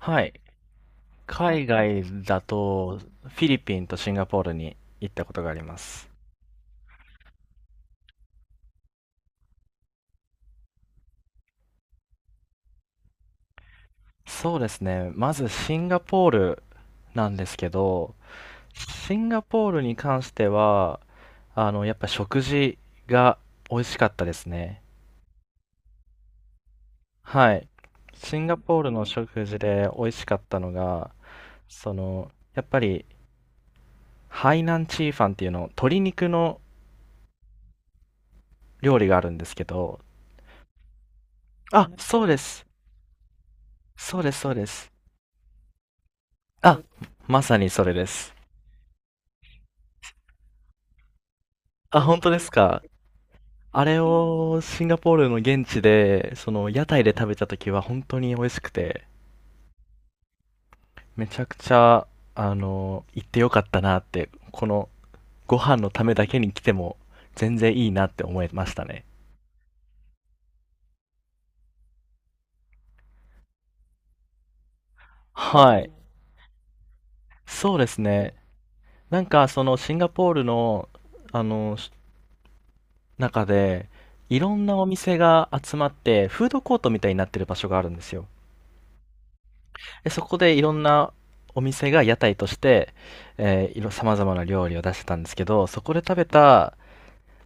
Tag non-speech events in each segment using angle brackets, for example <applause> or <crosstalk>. はい。海外だと、フィリピンとシンガポールに行ったことがあります。そうですね。まずシンガポールなんですけど、シンガポールに関しては、やっぱ食事が美味しかったですね。はい。シンガポールの食事で美味しかったのが、その、やっぱり、ハイナンチーファンっていうの、鶏肉の料理があるんですけど、あ、そうです。そうです、そうです。あ、まさにそれです。あ、本当ですか。あれをシンガポールの現地で、その屋台で食べた時は本当に美味しくて、めちゃくちゃ、行ってよかったなって、このご飯のためだけに来ても全然いいなって思いましたね。はい。そうですね。なんかそのシンガポールの、あの、し中で、いろんなお店が集まって、フードコートみたいになってる場所があるんですよ。でそこでいろんなお店が屋台として、様々な料理を出してたんですけど、そこで食べた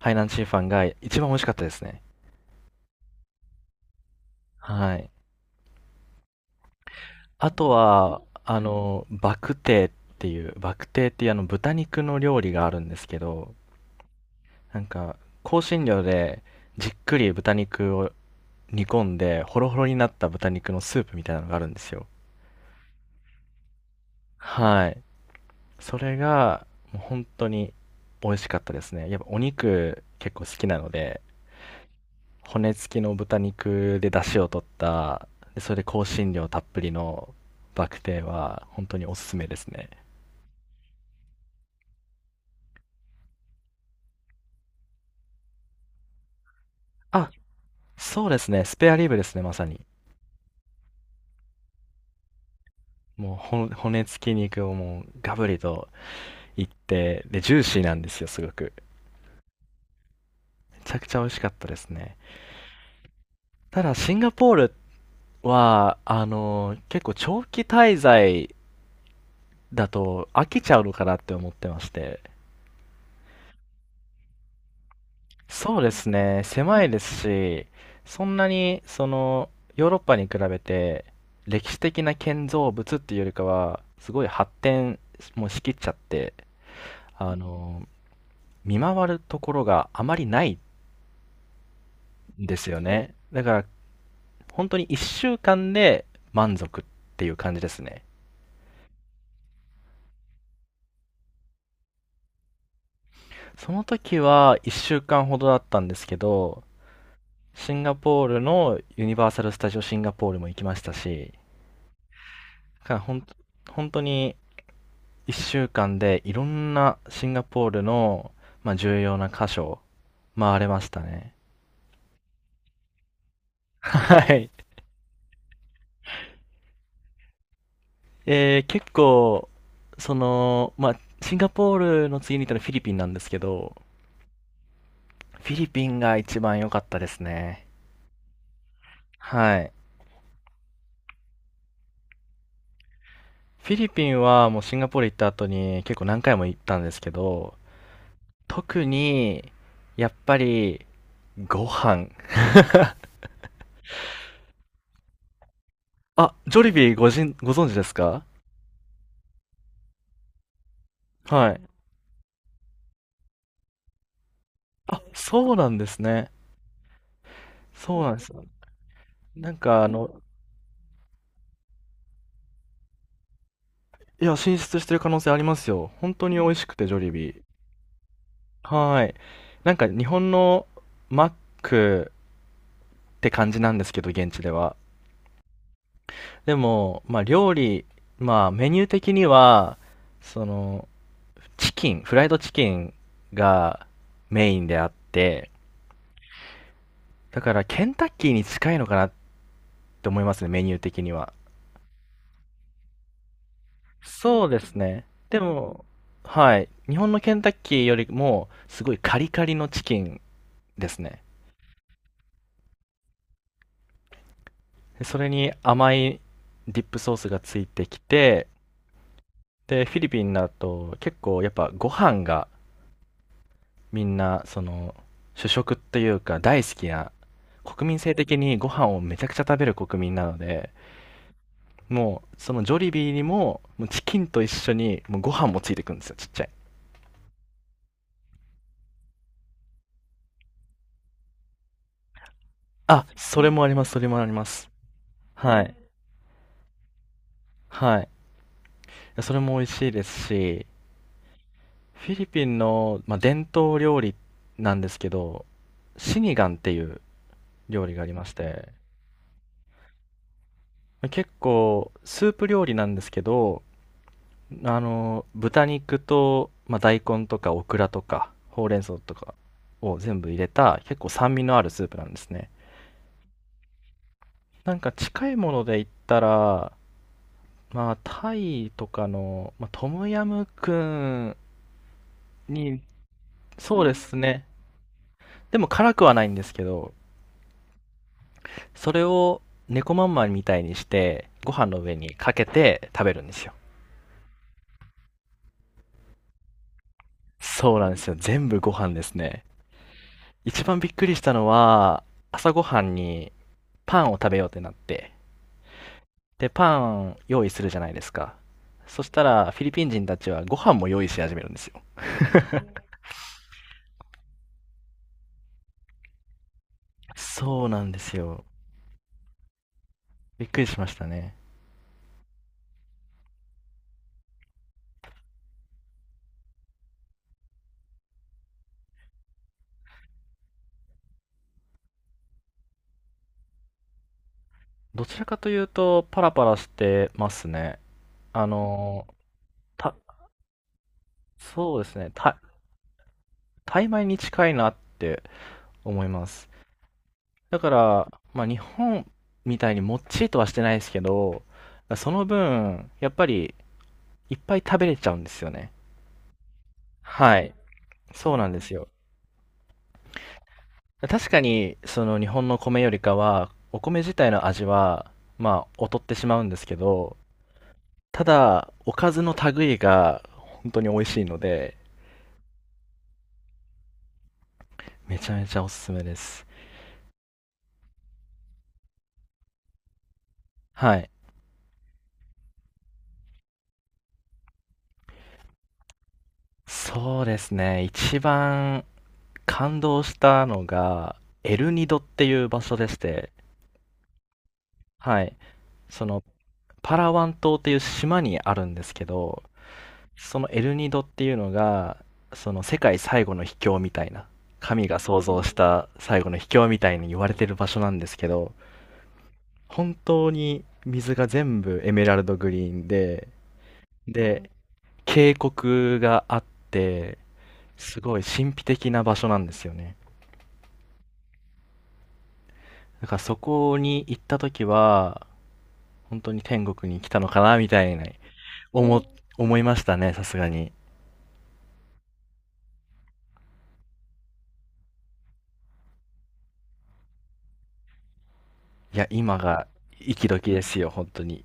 海南チーファンが一番美味しかったですね。はい。あとは、バクテーっていう、バクテーっていうあの豚肉の料理があるんですけど、なんか、香辛料でじっくり豚肉を煮込んで、ホロホロになった豚肉のスープみたいなのがあるんですよ。はい。それが、もう本当に美味しかったですね。やっぱお肉結構好きなので、骨付きの豚肉で出汁を取った、で、それで香辛料たっぷりのバクテーは本当におすすめですね。あ、そうですね。スペアリブですね、まさに。もうほん骨付き肉をもうガブリといって、で、ジューシーなんですよ、すごく。めちゃくちゃ美味しかったですね。ただ、シンガポールは、結構長期滞在だと飽きちゃうのかなって思ってまして。そうですね、狭いですし、そんなにそのヨーロッパに比べて歴史的な建造物っていうよりかは、すごい発展もしきっちゃって、あの、見回るところがあまりないんですよね。だから本当に1週間で満足っていう感じですね。その時は1週間ほどだったんですけど、シンガポールのユニバーサル・スタジオ・シンガポールも行きましたし、からほん、本当に1週間でいろんなシンガポールの、まあ、重要な箇所を回れましたね。はい。結構、その、まあ、シンガポールの次に行ったのはフィリピンなんですけど、フィリピンが一番良かったですね。はい。フィリピンはもうシンガポール行った後に結構何回も行ったんですけど、特に、やっぱり、ご飯。あ、ジョリビーごじん、ご存知ですか？はい。あ、そうなんですね。そうなんです。なんかあの、いや、進出してる可能性ありますよ。本当に美味しくて、ジョリビー。はーい。なんか日本のマックって感じなんですけど、現地では。でも、まあ料理、まあメニュー的には、その、チキン、フライドチキンがメインであって、だからケンタッキーに近いのかなって思いますね、メニュー的には。そうですね。でも、はい。日本のケンタッキーよりも、すごいカリカリのチキンですね。でそれに甘いディップソースがついてきて、で、フィリピンだと結構やっぱご飯がみんな、その、主食というか大好きな、国民性的にご飯をめちゃくちゃ食べる国民なので、もう、そのジョリビーにも、もうチキンと一緒に、もうご飯もついてくるんですよ、ちっちゃい。あ、それもあります、それもあります。はい。はい。やそれも美味しいですし、フィリピンの、まあ、伝統料理なんですけど、シニガンっていう料理がありまして、結構スープ料理なんですけど、豚肉と、まあ、大根とかオクラとかほうれん草とかを全部入れた結構酸味のあるスープなんですね。なんか近いもので言ったら、まあ、タイとかの、まあ、トムヤムクンに、そうですね。でも辛くはないんですけど、それを猫まんまみたいにして、ご飯の上にかけて食べるんですよ。そうなんですよ。全部ご飯ですね。一番びっくりしたのは、朝ごはんにパンを食べようってなって、で、パン用意するじゃないですか。そしたら、フィリピン人たちはご飯も用意し始めるんですよ。そうなんですよ。びっくりしましたね。どちらかというと、パラパラしてますね。あの、た、そうですね。タイ米に近いなって思います。だから、まあ、日本みたいにもっちりとはしてないですけど、その分、やっぱりいっぱい食べれちゃうんですよね。はい。そうなんですよ。確かに、その日本の米よりかは、お米自体の味は、まあ、劣ってしまうんですけど、ただ、おかずの類が本当に美味しいので、めちゃめちゃおすすめです。はい。そうですね。一番感動したのが、エルニドっていう場所でして、はい。そのパラワン島っていう島にあるんですけど、そのエルニドっていうのがその世界最後の秘境みたいな、神が創造した最後の秘境みたいに言われてる場所なんですけど、本当に水が全部エメラルドグリーンで、で渓谷があって、すごい神秘的な場所なんですよね。だからそこに行った時は本当に天国に来たのかなみたいな、思思いましたね、さすがに。いや、今が息時ですよ、本当に。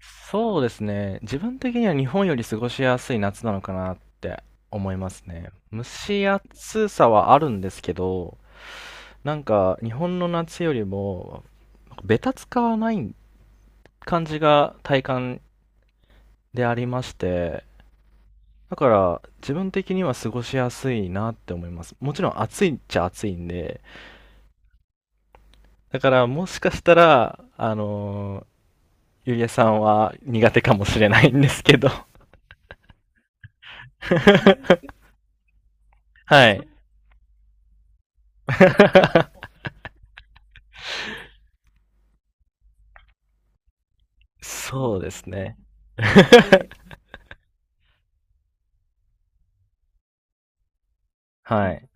そうですね。自分的には日本より過ごしやすい夏なのかなって思いますね。蒸し暑さはあるんですけど、なんか日本の夏よりも、なんかベタつかない感じが体感でありまして、だから自分的には過ごしやすいなって思います。もちろん暑いっちゃ暑いんで、だからもしかしたら、ゆりえさんは苦手かもしれないんですけど。 <laughs> はい。<laughs> そうですね。<laughs> はい。